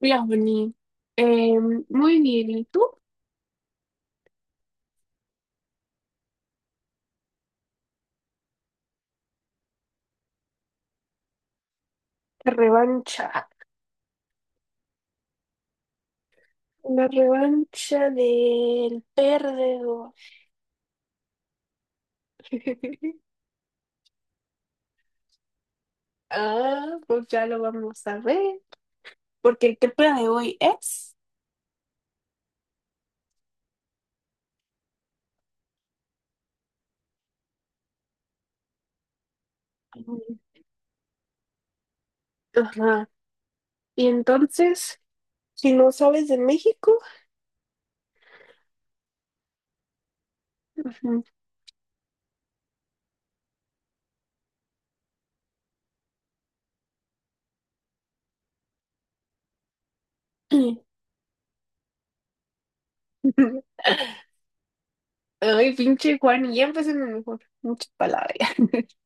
Hola, Bonnie. Muy bien, ¿y tú? La revancha. La revancha del perdedor. Ah, pues ya lo vamos a ver. Porque el tema de hoy es. Ajá. Y entonces, si no sabes de México. Ujú. Ay, pinche Juan, y ya empecemos mejor. Muchas palabras.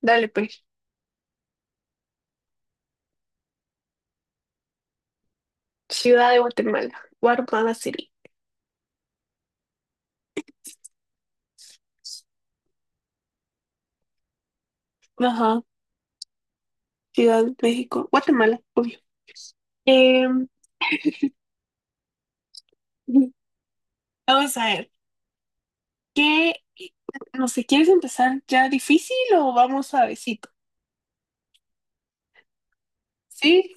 Dale, pues. Ciudad de Guatemala. Guatemala City. Ajá. Ciudad de México. Guatemala, obvio. Eh, Vamos a ver, ¿qué? No sé, ¿quieres empezar ya difícil o vamos suavecito? ¿Sí?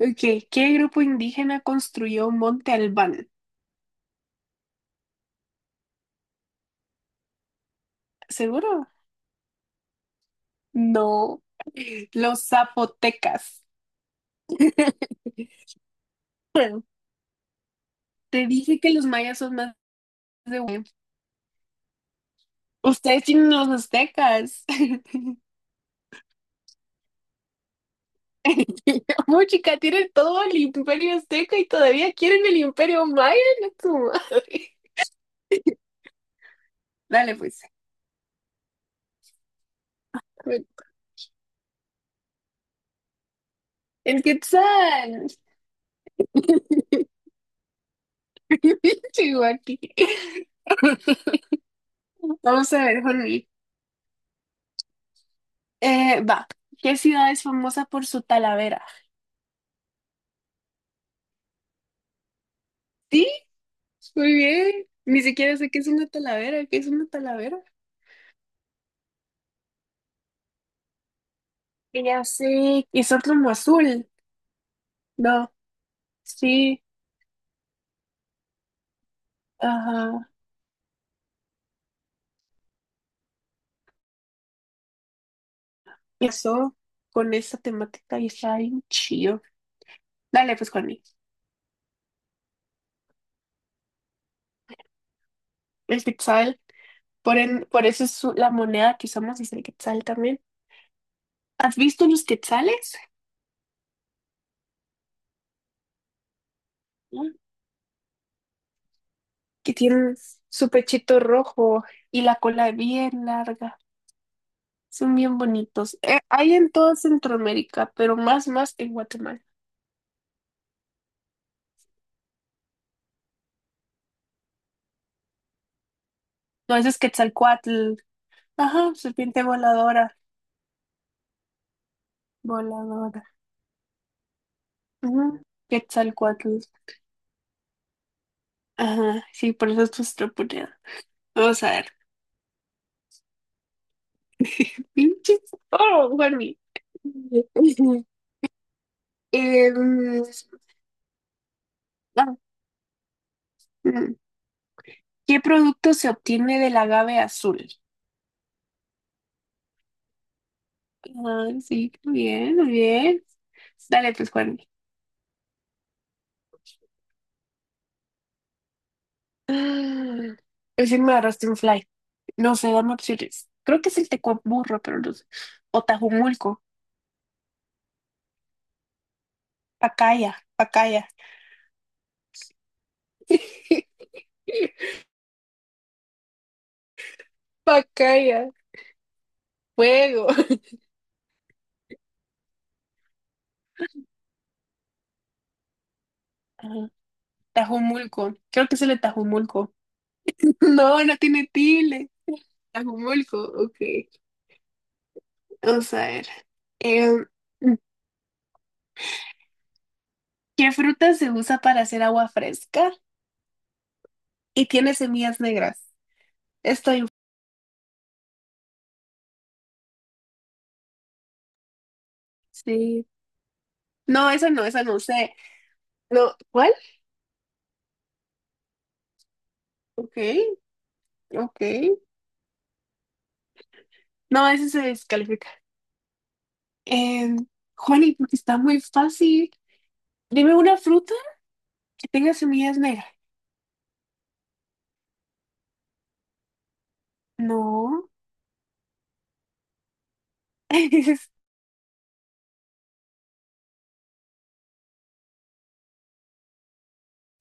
Ok, ¿qué grupo indígena construyó Monte Albán? ¿Seguro? No, los zapotecas. Te dije que los mayas son más de... Ustedes tienen los aztecas. Muy chica, tienen todo el imperio azteca y todavía quieren el imperio maya, no tu madre. Dale pues. El quetzal. Sigo aquí. Vamos a ver, Jorge. Va. ¿Qué ciudad es famosa por su talavera? Sí, muy bien. Ni siquiera sé qué es una talavera. ¿Qué es una talavera? Y ya sé. Es como azul. No. Sí. Ajá. Eso. Con esta temática y está bien chido. Dale, pues, Juaní. El quetzal. Por eso es la moneda que usamos es el quetzal también. ¿Has visto los quetzales? Que tienen su pechito rojo y la cola bien larga. Son bien bonitos. Hay en toda Centroamérica, pero más en Guatemala. No, ese es Quetzalcóatl. Ajá, serpiente voladora. Voladora. Ujú, Quetzalcóatl. Ajá, sí, por eso es nuestra moneda. Vamos a ver. Pinches- Oh, Juanmi. Em, ah, mm. ¿Qué producto se obtiene del agave azul? Ah, sí, qué bien, muy bien. Dale, pues, Juan. Recién me agarraste un fly. No sé, dame opciones. Creo que es el Tecuaburro, pero no sé. O Tajumulco. Pacaya, Pacaya. Pacaya, fuego. Ajá, Tajumulco. Creo que es el de Tajumulco. No, no tiene tilde. Tajumulco, ok. Vamos a ver. Em, ¿Qué fruta se usa para hacer agua fresca y tiene semillas negras? Estoy Sí. No, esa no, esa no sé. No, ¿cuál? Ok, ok. No, esa se descalifica. Eh, Juani, porque está muy fácil. Dime una fruta que tenga semillas negras. No.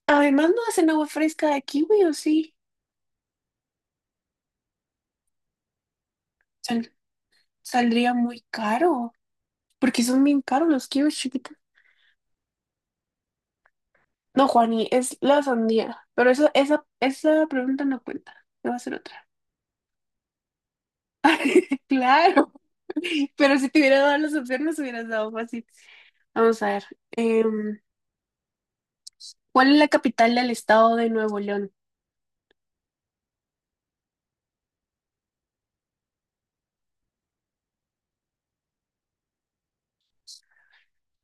Además, no hacen agua fresca de kiwi, ¿o sí? Sal- Saldría muy caro, porque son bien caros los kiwis chiquitos. No, Juani, es la sandía. Pero eso, esa pregunta no cuenta. Te voy a hacer otra. Claro, pero si te hubiera dado las opciones, hubieras dado fácil. Vamos a ver. em, ¿Cuál es la capital del estado de Nuevo León?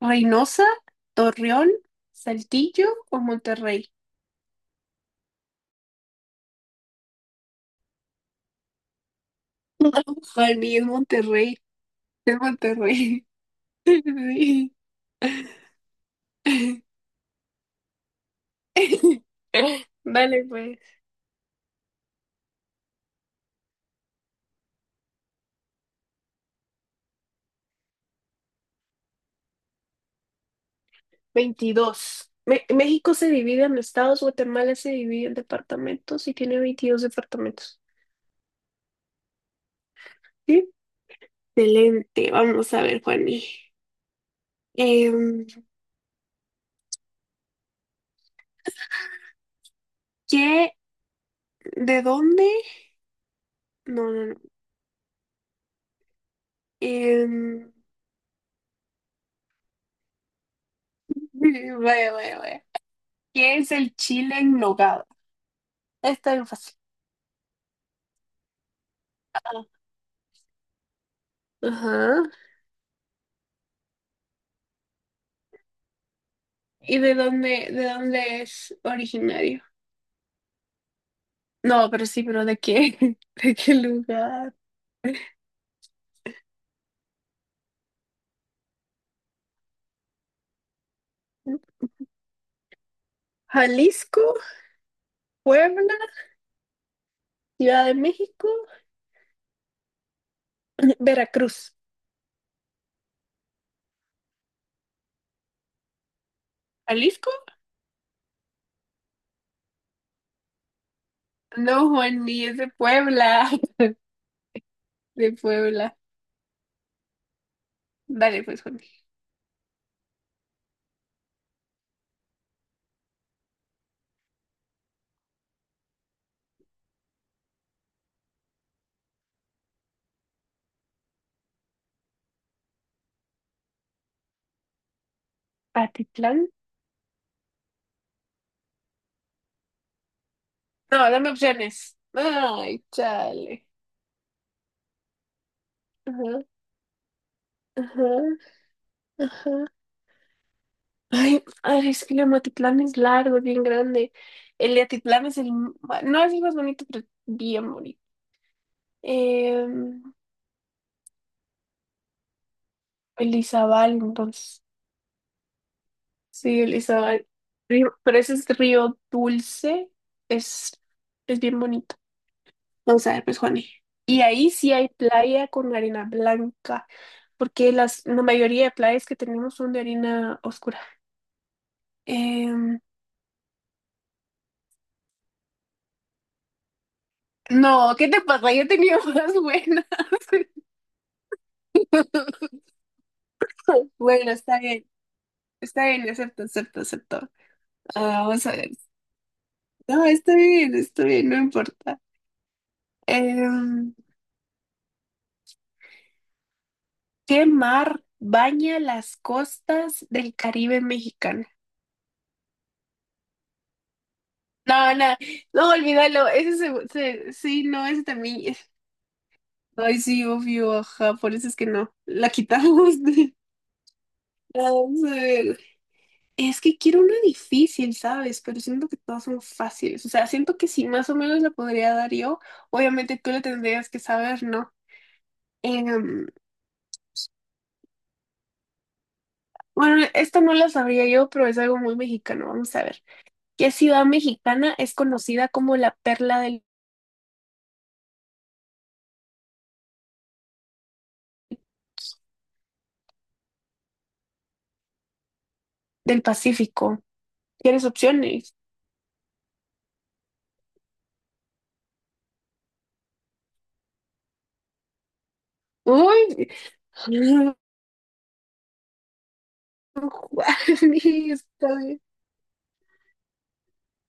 ¿Reynosa, Torreón, Saltillo o Monterrey? No, Juani, es Monterrey. Es Monterrey. Sí. Vale, pues. 22. Me- México se divide en estados, Guatemala se divide en departamentos y tiene 22 departamentos. ¿Sí? Excelente. Vamos a ver, Juani. Em, ¿qué? ¿De dónde? No, no, no. Em, Vaya, vaya, vaya. ¿Qué es el chile en nogada? Está bien fácil. Ah, ajá. ¿Y de dónde es originario? No, pero sí, pero ¿de qué? ¿De qué lugar? Jalisco, Puebla, Ciudad de México, Veracruz. ¿Jalisco? No, Juan, ni es de Puebla. De Puebla. Dale, pues, Juan. Patitlán. No, dame opciones. Ay, chale. Ajá, ajá, ajá. Ay, ay, es que el Amatitlán es largo, es bien grande. El de Atitlán es el... bueno, no es el más bonito, pero es bien bonito. Em, el Izabal, entonces. Sí, el Izabal. Río- pero ese es Río Dulce. Es, es bien bonito. Vamos a ver, pues, Juani. Y ahí sí hay playa con arena blanca, porque la mayoría de playas que tenemos son de arena oscura. Em, no, ¿qué te pasa? Yo tenía más buenas. Bueno, está bien, acepto, acepto, acepto. Ah, vamos a ver. No, está bien, no importa. Em, ¿Qué mar baña las costas del Caribe mexicano? No, no, no, olvídalo. Ese sí, no, ese también. Ay, sí, obvio, ajá, por eso es que no. La quitamos de... Vamos a ver. Es que quiero una difícil, ¿sabes? Pero siento que todas son fáciles. O sea, siento que si más o menos la podría dar yo, obviamente tú la tendrías que saber, ¿no? Em, bueno, esta no la sabría yo, pero es algo muy mexicano. Vamos a ver. ¿Qué ciudad mexicana es conocida como la perla del Pacífico? ¿Tienes opciones? Uy, Juan, está bien.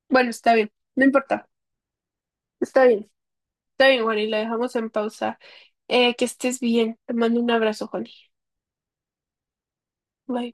Bueno, está bien. No importa. Está bien. Está bien, bueno, y la dejamos en pausa. Que estés bien. Te mando un abrazo, Juani. Bye.